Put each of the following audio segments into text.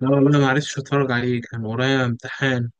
لا والله ما عرفتش اتفرج عليه، كان ورايا امتحان.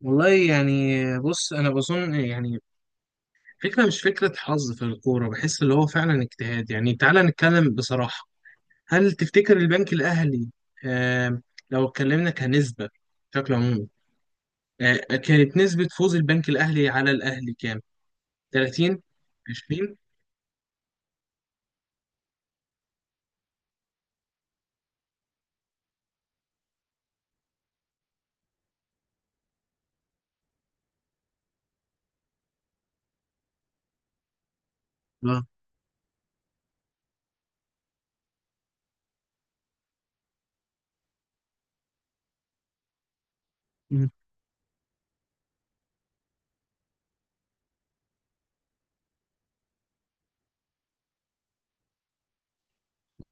والله يعني بص، انا بظن، يعني فكره، مش فكره حظ في الكوره. بحس اللي هو فعلا اجتهاد. يعني تعالى نتكلم بصراحه. هل تفتكر البنك الاهلي؟ آه. لو اتكلمنا كنسبه، بشكل عمومي، كانت نسبه فوز البنك الاهلي على الاهلي كام؟ 30. 20. اه. مم.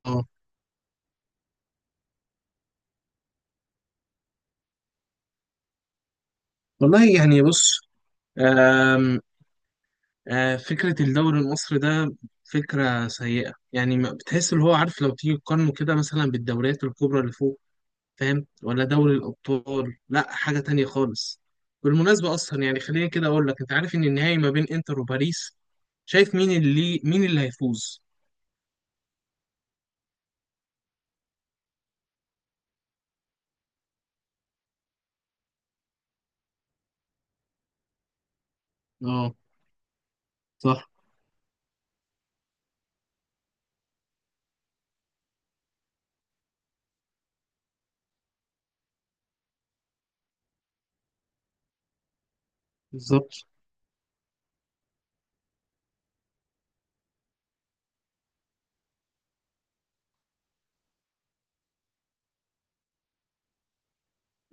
اه والله يعني بص، فكرة الدوري المصري ده فكرة سيئة. يعني بتحس اللي هو عارف، لو تيجي تقارنه كده مثلا بالدوريات الكبرى اللي فوق، فاهم؟ ولا دوري الأبطال، لا حاجة تانية خالص. بالمناسبة أصلا يعني خليني كده أقول لك، أنت عارف إن النهائي ما بين إنتر وباريس؟ شايف مين اللي هيفوز؟ اه. صح. بالظبط.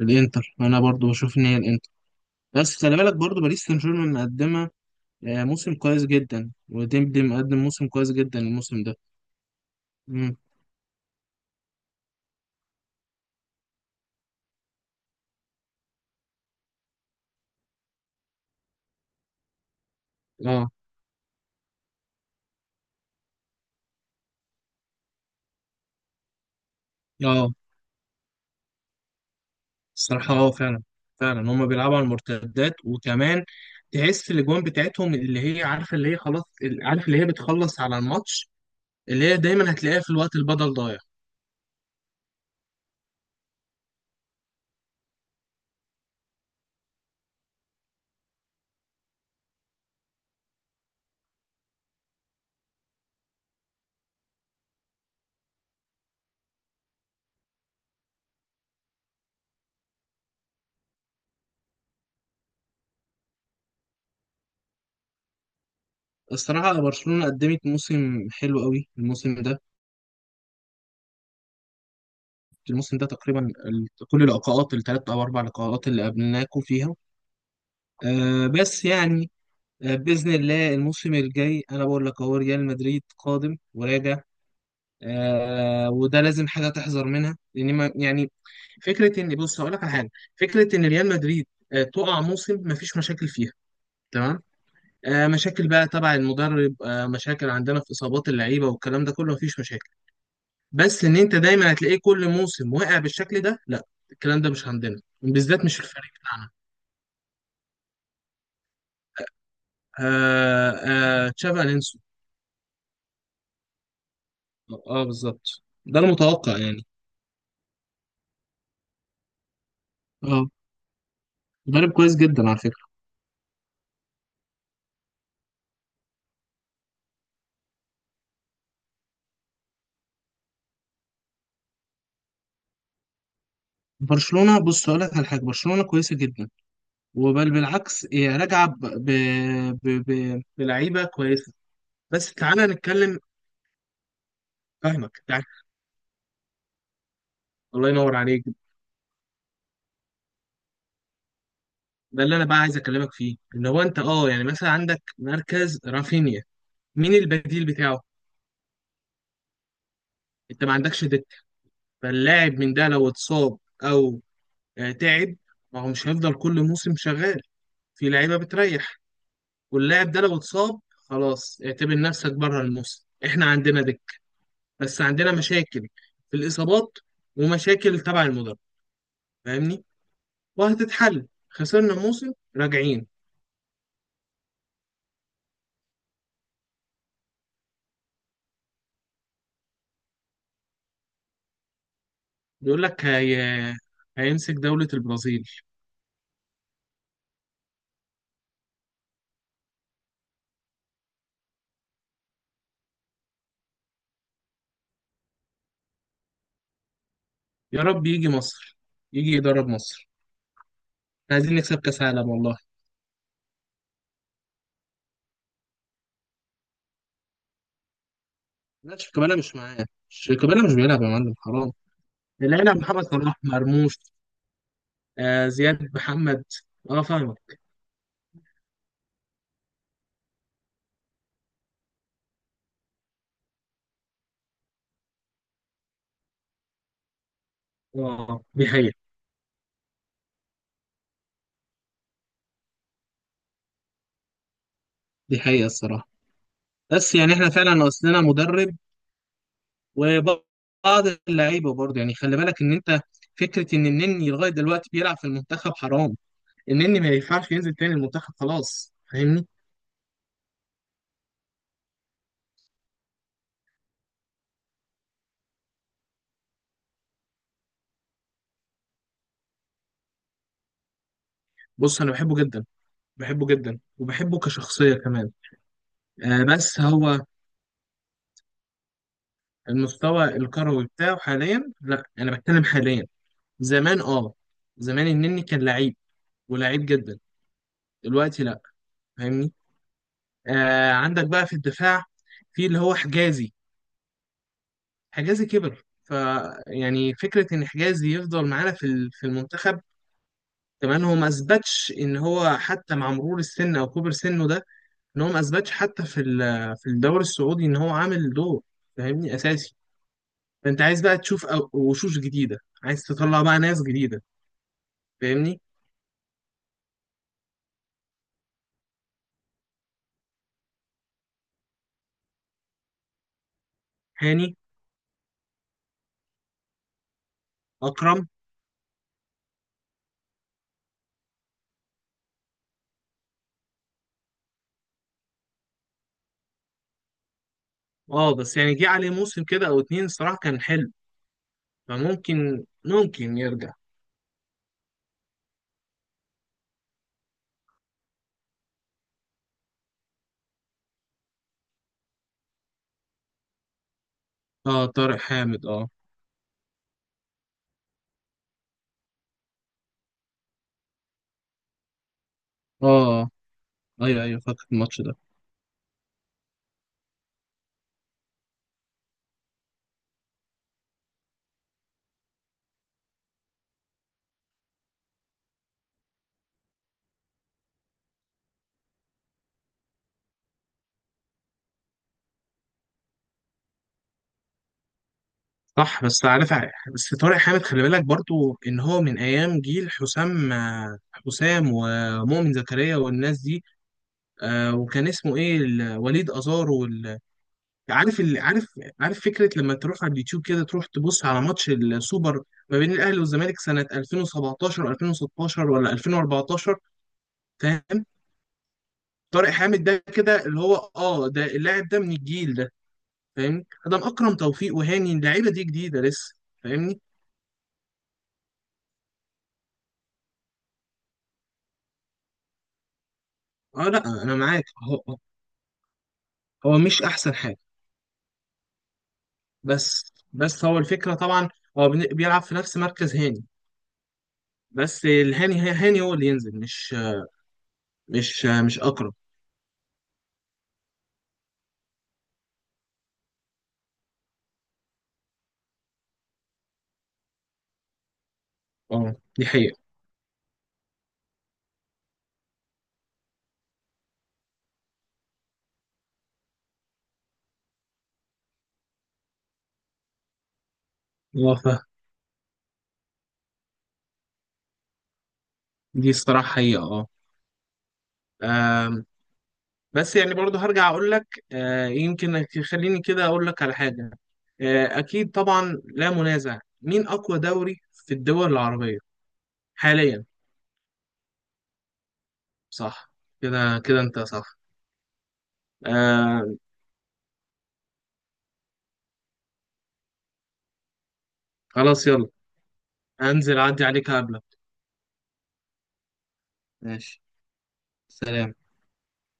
الانتر، انا برضو بشوف ان هي الانتر. بس خلي بالك برضو باريس سان جيرمان مقدمه موسم كويس جدا، وديمبلي مقدم موسم كويس جدا الموسم ده. امم. اه. اه. الصراحة فعلا، فعلا هما بيلعبوا على المرتدات. وكمان تحس الاجوان بتاعتهم اللي هي عارفة، اللي هي خلاص، عارف اللي هي بتخلص على الماتش، اللي هي دايما هتلاقيها في الوقت البدل ضايع. الصراحة برشلونة قدمت موسم حلو قوي الموسم ده. الموسم ده تقريبا، كل اللقاءات الثلاث أو أربع لقاءات اللي قابلناكوا فيها، بس يعني، بإذن الله الموسم الجاي أنا بقول لك، هو ريال مدريد قادم وراجع. وده لازم حاجه تحذر منها، لان ما يعني، فكره ان، بص هقول لك على حاجه، فكره ان ريال مدريد تقع موسم ما فيش مشاكل فيها، تمام؟ مشاكل بقى تبع المدرب، مشاكل عندنا في اصابات اللعيبه والكلام ده كله، ما فيش مشاكل. بس ان انت دايما هتلاقيه كل موسم واقع بالشكل ده، لا. الكلام ده مش عندنا بالذات، مش في الفريق بتاعنا. آه. تشافي الونسو. اه بالظبط، ده المتوقع يعني. اه. مدرب كويس جدا على فكره. برشلونه، بص هقول لك على حاجه، برشلونه كويسه جدا، وبل بالعكس هي راجعه بلعيبه كويسه. بس تعالى نتكلم، فاهمك يعني. الله ينور عليك. ده اللي انا بقى عايز اكلمك فيه، ان هو انت يعني مثلا عندك مركز رافينيا، مين البديل بتاعه؟ انت ما عندكش دكه، فاللاعب من ده لو اتصاب، او تعب، ما هو مش هيفضل كل موسم شغال، في لعيبه بتريح. واللاعب ده لو اتصاب، خلاص اعتبر نفسك بره الموسم. احنا عندنا دكه، بس عندنا مشاكل في الاصابات ومشاكل تبع المدرب، فاهمني؟ وهتتحل، خسرنا موسم راجعين. بيقول لك هيمسك دولة البرازيل. يا رب يجي مصر، يجي يدرب مصر، إحنا عايزين نكسب كأس عالم والله. لا شيكابالا مش معاه، شيكابالا مش بيلعب يا معلم، حرام. العيلة محمد صلاح مرموش، زياد محمد. اه فاهمك. اه دي حقيقة. دي حقيقة الصراحة. بس يعني احنا فعلا ناقصنا مدرب وبعض اللعيبة برضه يعني. خلي بالك ان انت، فكرة ان النني لغاية دلوقتي بيلعب في المنتخب، حرام. النني ما ينفعش ينزل تاني المنتخب، خلاص فاهمني؟ بص انا بحبه جدا، بحبه جدا وبحبه كشخصية كمان. بس هو المستوى الكروي بتاعه حاليا، لا. انا بتكلم حاليا. زمان اه، زمان النني كان لعيب، ولعيب جدا. دلوقتي لا، فاهمني؟ عندك بقى في الدفاع في اللي هو حجازي. حجازي كبر، ف يعني فكرة ان حجازي يفضل معانا في المنتخب. كمان هو ما اثبتش ان هو حتى مع مرور السن او كبر سنه ده، ان هو ما اثبتش حتى في الدوري السعودي ان هو عامل دور، فاهمني؟ اساسي. فانت عايز بقى تشوف وشوش جديده، عايز تطلع بقى ناس جديده، فاهمني؟ هاني. اكرم. اه بس يعني جه عليه موسم كده او اتنين، الصراحه كان حلو، فممكن يرجع. اه طارق حامد اه. اه ايوه ايوه فاكر الماتش ده. صح. بس عارف، ع- بس طارق حامد خلي بالك برضو ان هو من ايام جيل حسام. حسام ومؤمن زكريا والناس دي. وكان اسمه ايه، وليد ازار وال... عارف ال... عارف عارف. فكره لما تروح على اليوتيوب كده، تروح تبص على ماتش السوبر ما بين الاهلي والزمالك سنه 2017 2016 ولا 2014، فاهم؟ طارق حامد ده كده، اللي هو ده اللاعب ده من الجيل ده، فاهمني؟ ده اكرم توفيق وهاني، اللعيبه دي جديده لسه، فاهمني؟ اه لا انا معاك. هو هو مش احسن حاجه. بس هو الفكره طبعا. هو بيلعب في نفس مركز هاني. بس هاني هو اللي ينزل. مش اقرب. اه دي حقيقه اه. فاهم. دي الصراحه حقيقه اه. آم، بس يعني برضه هرجع اقول لك، يمكن. خليني كده اقول لك على حاجه، اكيد طبعا لا منازع، مين اقوى دوري في الدول العربيه حاليا؟ صح. كده كده انت صح. آه، خلاص يلا. انزل اعدي عليك قبلك. ماشي. سلام.